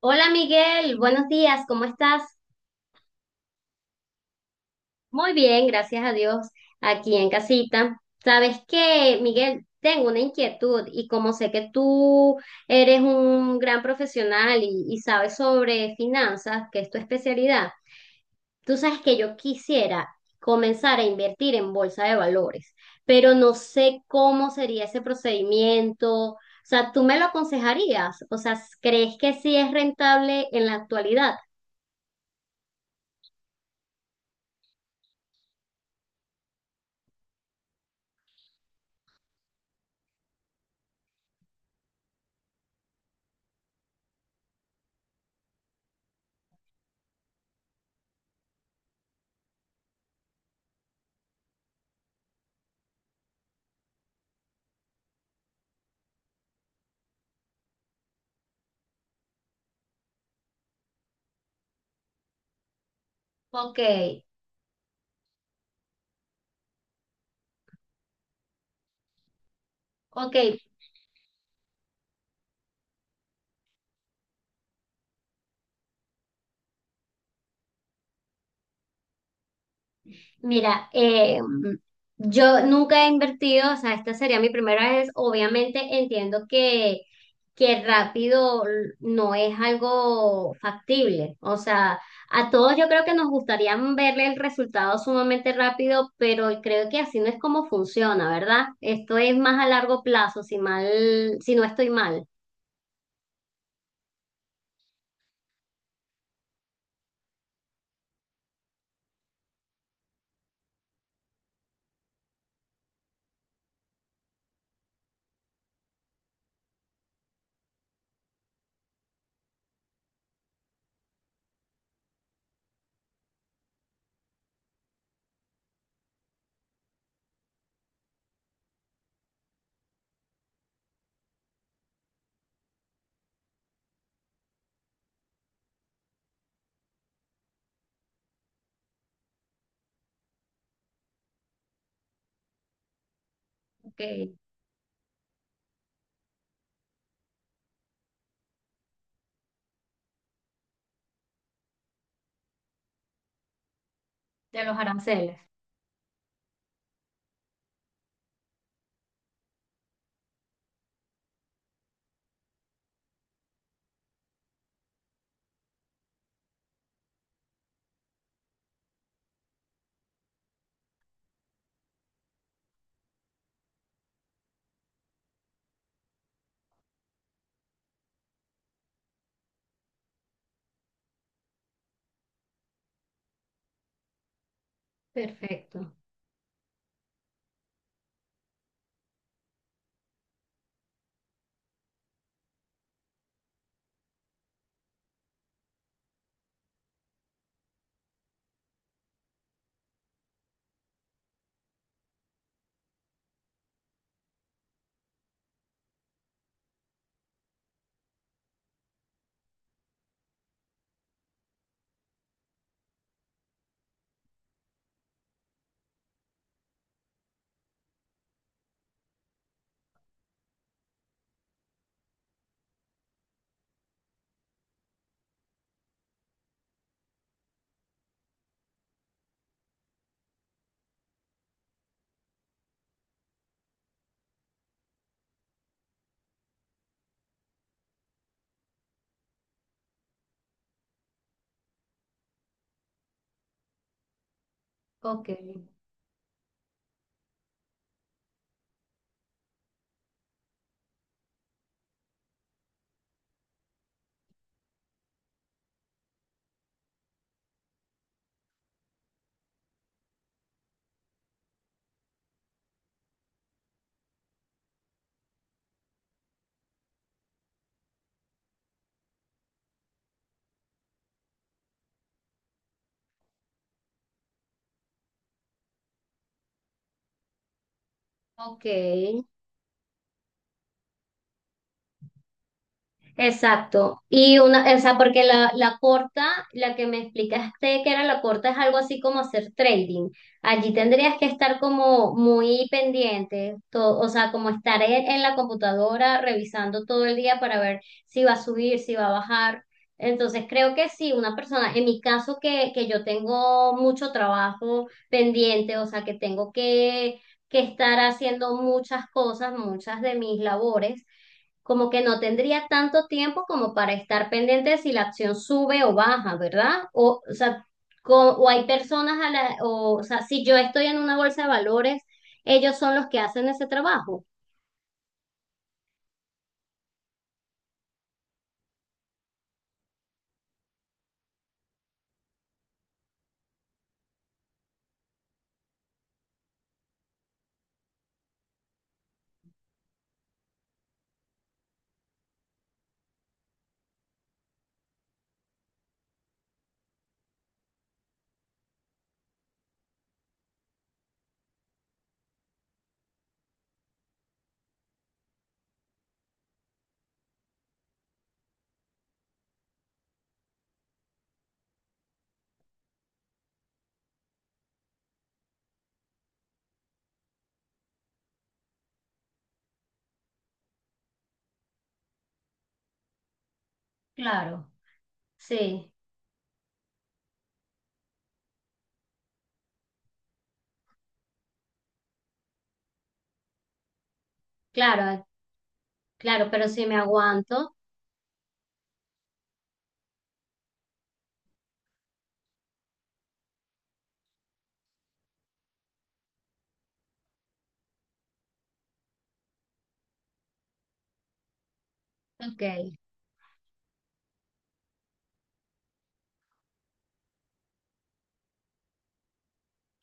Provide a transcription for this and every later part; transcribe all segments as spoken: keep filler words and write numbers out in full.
Hola Miguel, buenos días, ¿cómo estás? Muy bien, gracias a Dios, aquí en casita. Sabes que, Miguel, tengo una inquietud y como sé que tú eres un gran profesional y, y sabes sobre finanzas, que es tu especialidad, tú sabes que yo quisiera comenzar a invertir en bolsa de valores, pero no sé cómo sería ese procedimiento. O sea, ¿tú me lo aconsejarías? O sea, ¿crees que sí es rentable en la actualidad? Ok, ok. Mira, eh, yo nunca he invertido, o sea, esta sería mi primera vez. Obviamente entiendo que, que rápido no es algo factible. O sea, a todos yo creo que nos gustaría verle el resultado sumamente rápido, pero creo que así no es como funciona, ¿verdad? Esto es más a largo plazo, si mal, si no estoy mal. Ok, de los aranceles. Perfecto. Ok, ok. Exacto. Y una, o sea, porque la, la corta, la que me explicaste que era la corta, es algo así como hacer trading. Allí tendrías que estar como muy pendiente, to- o sea, como estar en, en la computadora revisando todo el día para ver si va a subir, si va a bajar. Entonces creo que sí, una persona, en mi caso que, que yo tengo mucho trabajo pendiente, o sea, que tengo que, que estar haciendo muchas cosas, muchas de mis labores como que no tendría tanto tiempo como para estar pendiente de si la acción sube o baja, ¿verdad? O, o sea, co- o hay personas a la, o, o sea, si yo estoy en una bolsa de valores, ellos son los que hacen ese trabajo. Claro. Sí, claro, claro, pero si me aguanto, ok.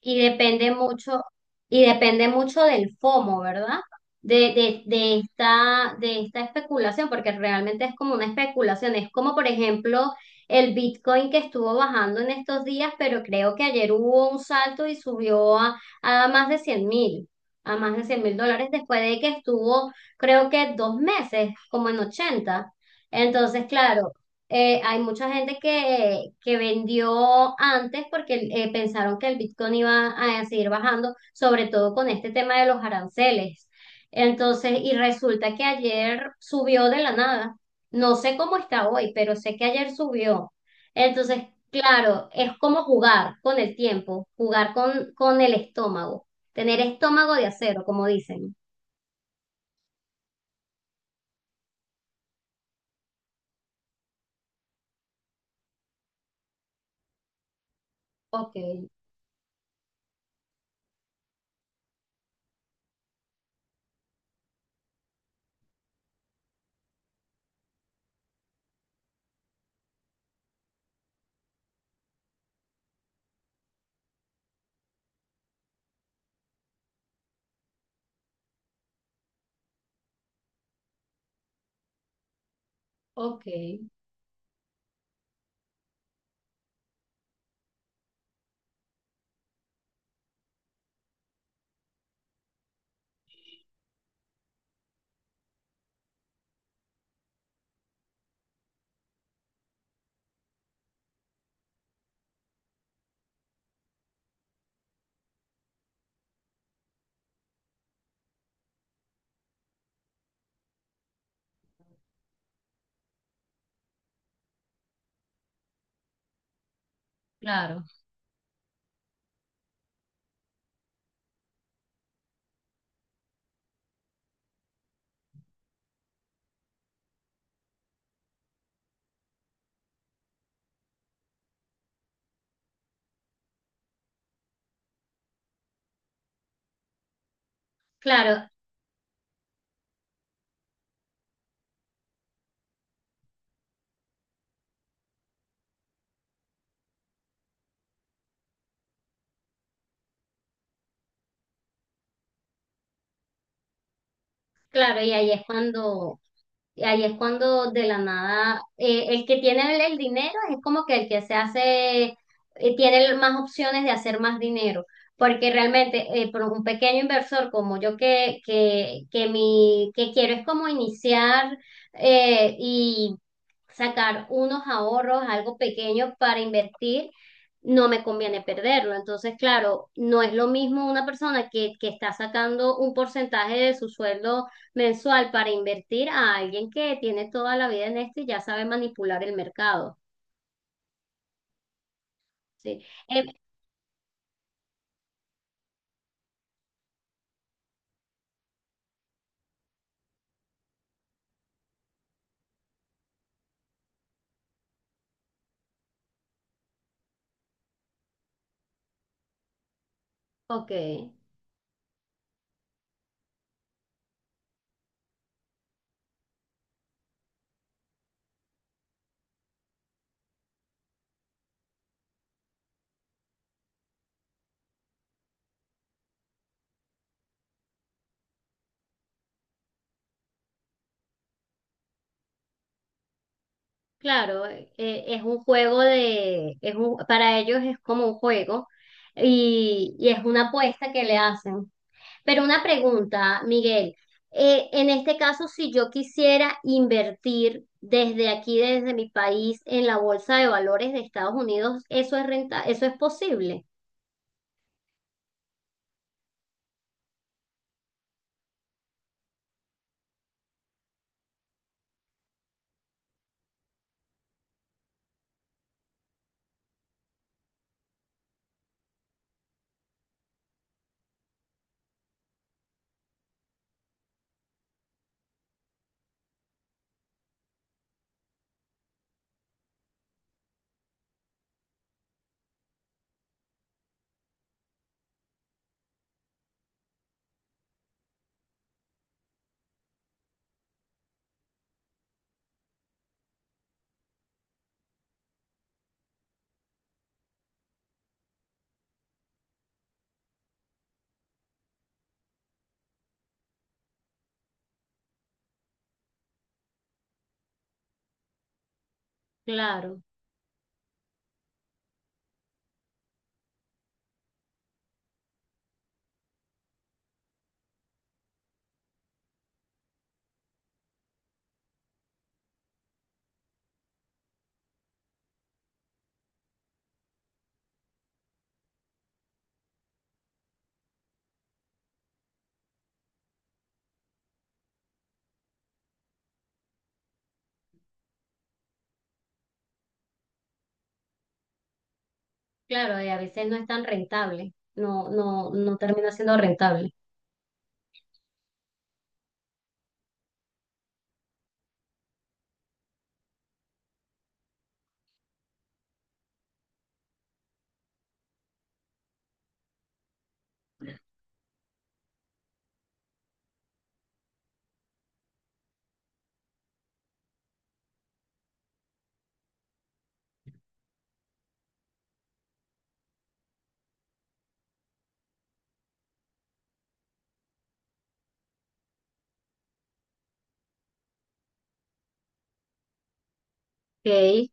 Y depende mucho, y depende mucho del FOMO, ¿verdad? De, de, de esta, de esta especulación, porque realmente es como una especulación. Es como, por ejemplo, el Bitcoin que estuvo bajando en estos días, pero creo que ayer hubo un salto y subió a, a más de cien mil, a más de cien mil dólares después de que estuvo, creo que dos meses, como en ochenta. Entonces, claro, eh, hay mucha gente que, que vendió antes porque eh, pensaron que el Bitcoin iba a seguir bajando, sobre todo con este tema de los aranceles. Entonces, y resulta que ayer subió de la nada. No sé cómo está hoy, pero sé que ayer subió. Entonces, claro, es como jugar con el tiempo, jugar con, con el estómago, tener estómago de acero, como dicen. Ok, ok, claro. Claro, claro, y ahí es cuando, Y ahí es cuando de la nada, eh, el que tiene el, el dinero es como que el que se hace, eh, tiene más opciones de hacer más dinero, porque realmente eh, por un pequeño inversor como yo que, que, que, mi, que quiero es como iniciar eh, y sacar unos ahorros, algo pequeño para invertir, no me conviene perderlo. Entonces, claro, no es lo mismo una persona que, que está sacando un porcentaje de su sueldo mensual para invertir a alguien que tiene toda la vida en esto y ya sabe manipular el mercado. Sí. Eh, ok, claro, eh, es un juego de, es un- para ellos es como un juego y, y es una apuesta que le hacen. Pero una pregunta, Miguel, eh, en este caso, si yo quisiera invertir desde aquí, desde mi país, en la bolsa de valores de Estados Unidos, ¿eso es renta, eso es posible? Claro. Claro, y a veces no es tan rentable, no, no, no termina siendo rentable. Ok,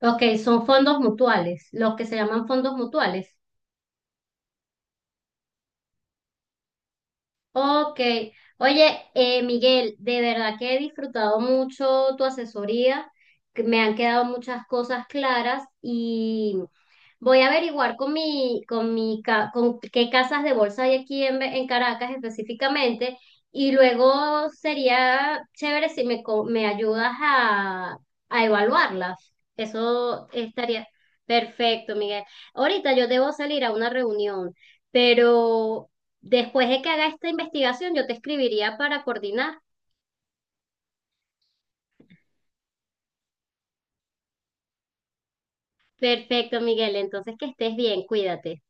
ok, son fondos mutuales, los que se llaman fondos mutuales. Ok, oye, eh, Miguel, de verdad que he disfrutado mucho tu asesoría, que me han quedado muchas cosas claras y voy a averiguar con mi, con mi, ca- con qué casas de bolsa hay aquí en, Ve- en Caracas específicamente y luego sería chévere si me, co- me ayudas a, a evaluarlas. Eso estaría perfecto, Miguel. Ahorita yo debo salir a una reunión, pero después de que haga esta investigación yo te escribiría para coordinar. Perfecto, Miguel. Entonces que estés bien, cuídate.